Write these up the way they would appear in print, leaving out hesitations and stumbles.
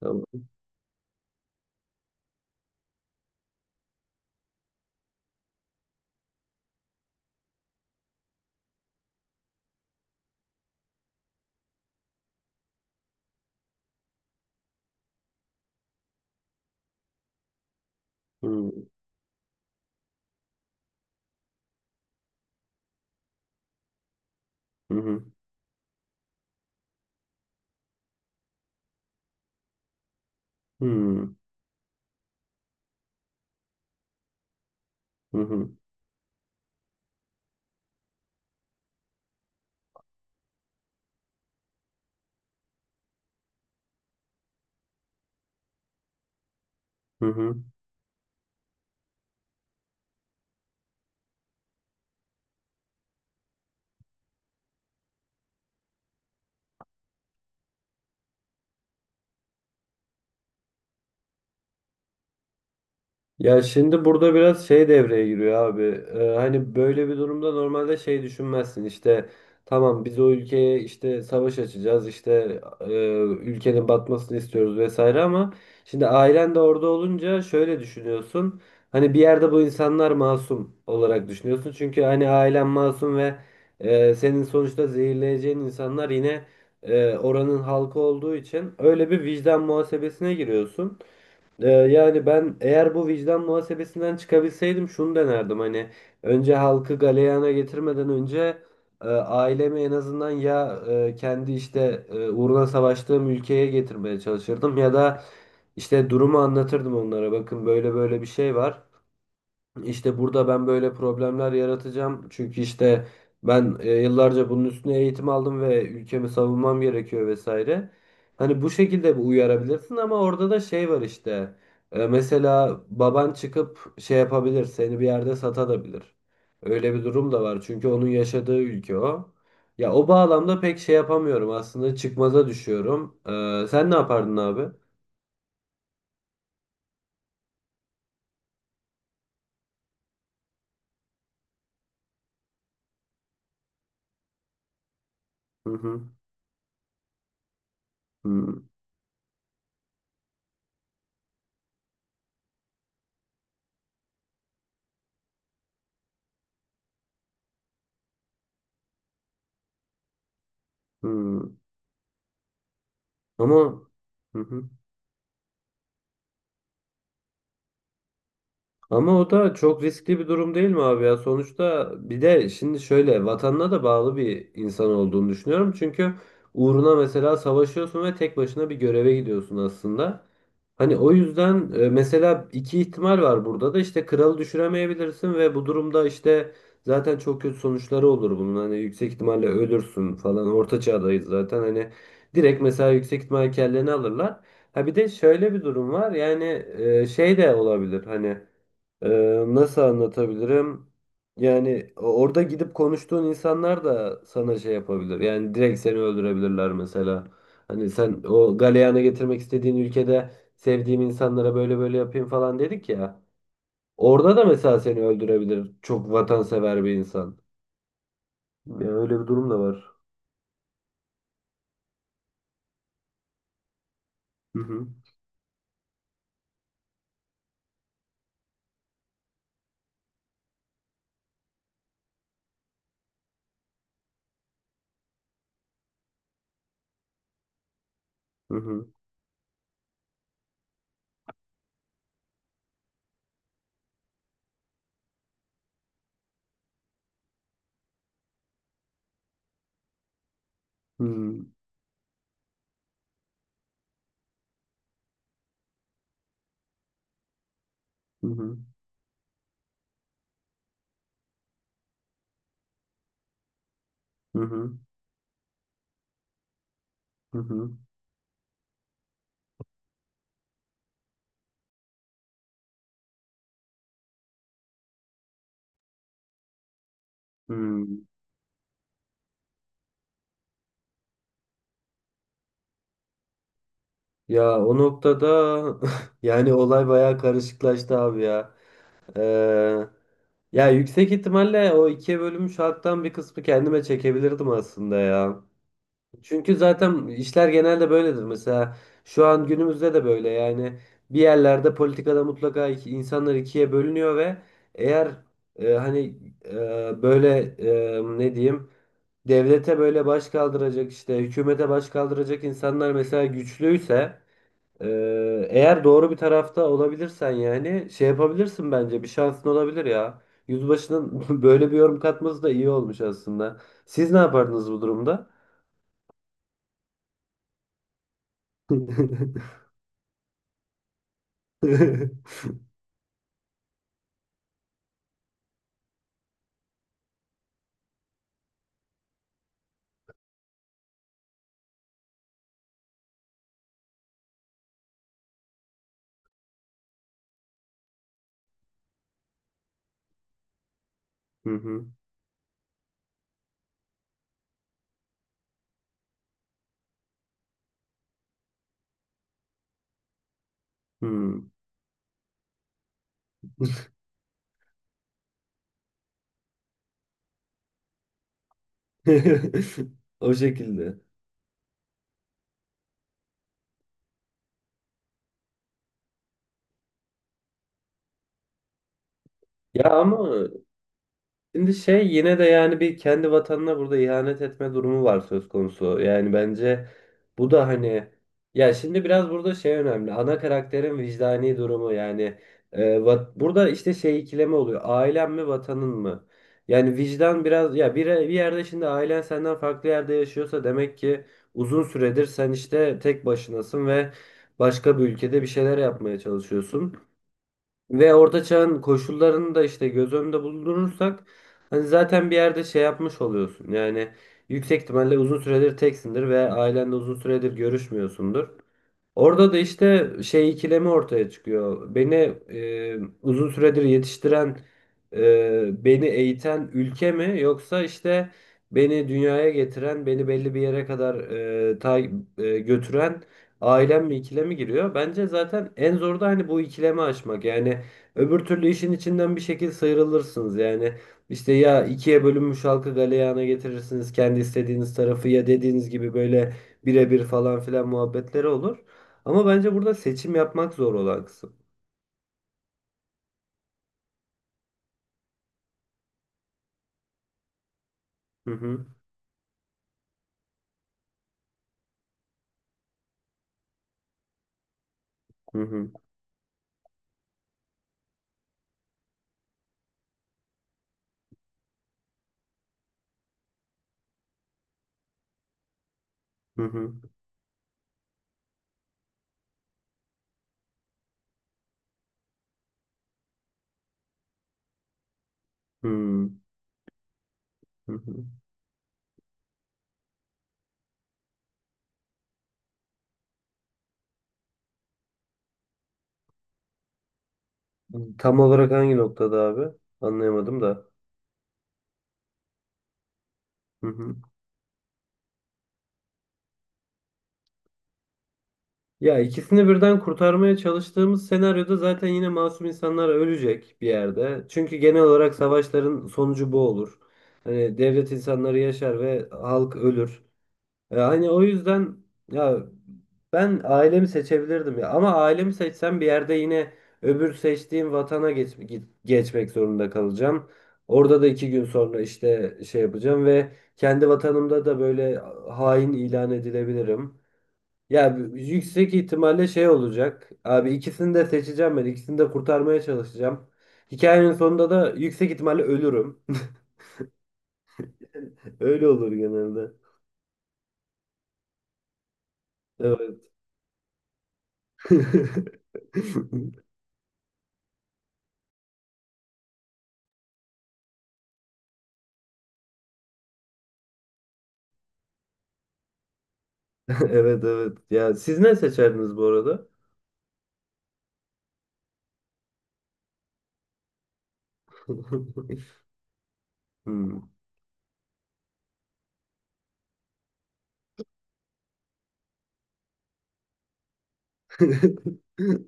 Tamam. Hmm. Hı hı. Hmm. Hı hı. Hı hı. Ya şimdi burada biraz şey devreye giriyor abi. Hani böyle bir durumda normalde şey düşünmezsin işte tamam biz o ülkeye işte savaş açacağız işte ülkenin batmasını istiyoruz vesaire ama şimdi ailen de orada olunca şöyle düşünüyorsun. Hani bir yerde bu insanlar masum olarak düşünüyorsun. Çünkü hani ailen masum ve senin sonuçta zehirleyeceğin insanlar yine oranın halkı olduğu için öyle bir vicdan muhasebesine giriyorsun. Yani ben eğer bu vicdan muhasebesinden çıkabilseydim şunu denerdim hani önce halkı galeyana getirmeden önce ailemi en azından ya kendi işte uğruna savaştığım ülkeye getirmeye çalışırdım ya da işte durumu anlatırdım onlara bakın böyle böyle bir şey var. İşte burada ben böyle problemler yaratacağım. Çünkü işte ben yıllarca bunun üstüne eğitim aldım ve ülkemi savunmam gerekiyor vesaire. Hani bu şekilde bir uyarabilirsin ama orada da şey var işte. Mesela baban çıkıp şey yapabilir, seni bir yerde satabilir. Öyle bir durum da var. Çünkü onun yaşadığı ülke o. Ya o bağlamda pek şey yapamıyorum aslında çıkmaza düşüyorum. Sen ne yapardın abi? Hı hı. Hı hı. Ama Hı hı. Ama o da çok riskli bir durum değil mi abi ya? Sonuçta bir de şimdi şöyle vatanına da bağlı bir insan olduğunu düşünüyorum. Çünkü uğruna mesela savaşıyorsun ve tek başına bir göreve gidiyorsun aslında. Hani o yüzden mesela iki ihtimal var burada da işte kralı düşüremeyebilirsin ve bu durumda işte zaten çok kötü sonuçları olur bunun. Hani yüksek ihtimalle ölürsün falan. Orta çağdayız zaten. Hani direkt mesela yüksek ihtimal kelleni alırlar. Ha bir de şöyle bir durum var. Yani şey de olabilir. Hani ee, nasıl anlatabilirim? Yani orada gidip konuştuğun insanlar da sana şey yapabilir. Yani direkt seni öldürebilirler mesela. Hani sen o galeyana getirmek istediğin ülkede sevdiğim insanlara böyle böyle yapayım falan dedik ya. Orada da mesela seni öldürebilir. Çok vatansever bir insan. Ya öyle bir durum da var. Hı hı. Hı hı. Hı hı. Hı hı. Hı hı. Hı hı. Hı. Ya o noktada yani olay bayağı karışıklaştı abi ya. Ee, ya yüksek ihtimalle o ikiye bölünmüş halktan bir kısmı kendime çekebilirdim aslında ya. Çünkü zaten işler genelde böyledir. Mesela şu an günümüzde de böyle yani bir yerlerde politikada mutlaka insanlar ikiye bölünüyor ve eğer hani böyle ne diyeyim devlete böyle baş kaldıracak işte hükümete baş kaldıracak insanlar mesela güçlüyse eğer doğru bir tarafta olabilirsen yani şey yapabilirsin bence bir şansın olabilir ya. Yüzbaşının böyle bir yorum katması da iyi olmuş aslında. Siz ne yapardınız bu durumda? Hı hı. Hmm. O şekilde. Ya ama Şimdi şey yine de yani bir kendi vatanına burada ihanet etme durumu var söz konusu. Yani bence bu da hani ya şimdi biraz burada şey önemli. Ana karakterin vicdani durumu yani burada işte şey ikileme oluyor. Ailen mi vatanın mı? Yani vicdan biraz ya bir yerde şimdi ailen senden farklı yerde yaşıyorsa demek ki uzun süredir sen işte tek başınasın ve başka bir ülkede bir şeyler yapmaya çalışıyorsun. Ve orta çağın koşullarını da işte göz önünde bulundurursak hani zaten bir yerde şey yapmış oluyorsun. Yani yüksek ihtimalle uzun süredir teksindir ve ailenle uzun süredir görüşmüyorsundur. Orada da işte şey ikilemi ortaya çıkıyor. Beni uzun süredir yetiştiren, beni eğiten ülke mi yoksa işte beni dünyaya getiren, beni belli bir yere kadar e, ta- götüren ailem mi ikilemi giriyor. Bence zaten en zor da hani bu ikilemi aşmak. Yani öbür türlü işin içinden bir şekilde sıyrılırsınız. Yani işte ya ikiye bölünmüş halkı galeyana getirirsiniz kendi istediğiniz tarafı ya dediğiniz gibi böyle birebir falan filan muhabbetleri olur. Ama bence burada seçim yapmak zor olan kısım. Hı hı. Hı hı. Hı hı. Hı hı. Hı. Tam olarak hangi noktada abi? Anlayamadım da. Hı hı. Ya ikisini birden kurtarmaya çalıştığımız senaryoda zaten yine masum insanlar ölecek bir yerde. Çünkü genel olarak savaşların sonucu bu olur. Hani devlet insanları yaşar ve halk ölür. Hani o yüzden ya ben ailemi seçebilirdim ya. Ama ailemi seçsem bir yerde yine öbür seçtiğim vatana geçmek zorunda kalacağım. Orada da iki gün sonra işte şey yapacağım ve kendi vatanımda da böyle hain ilan edilebilirim. Ya yüksek ihtimalle şey olacak. Abi ikisini de seçeceğim ben. İkisini de kurtarmaya çalışacağım. Hikayenin sonunda da yüksek ihtimalle ölürüm. Öyle olur genelde. Evet. Evet, evet. Ya siz ne seçerdiniz bu arada? Hmm.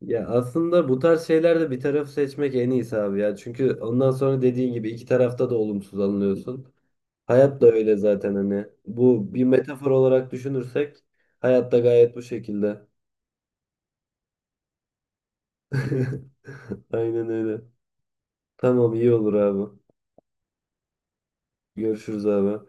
Ya aslında bu tarz şeylerde bir taraf seçmek en iyisi abi ya. Çünkü ondan sonra dediğin gibi iki tarafta da olumsuz alınıyorsun. Hayat da öyle zaten hani. Bu bir metafor olarak düşünürsek hayat da gayet bu şekilde. Aynen öyle. Tamam, iyi olur abi. Görüşürüz abi.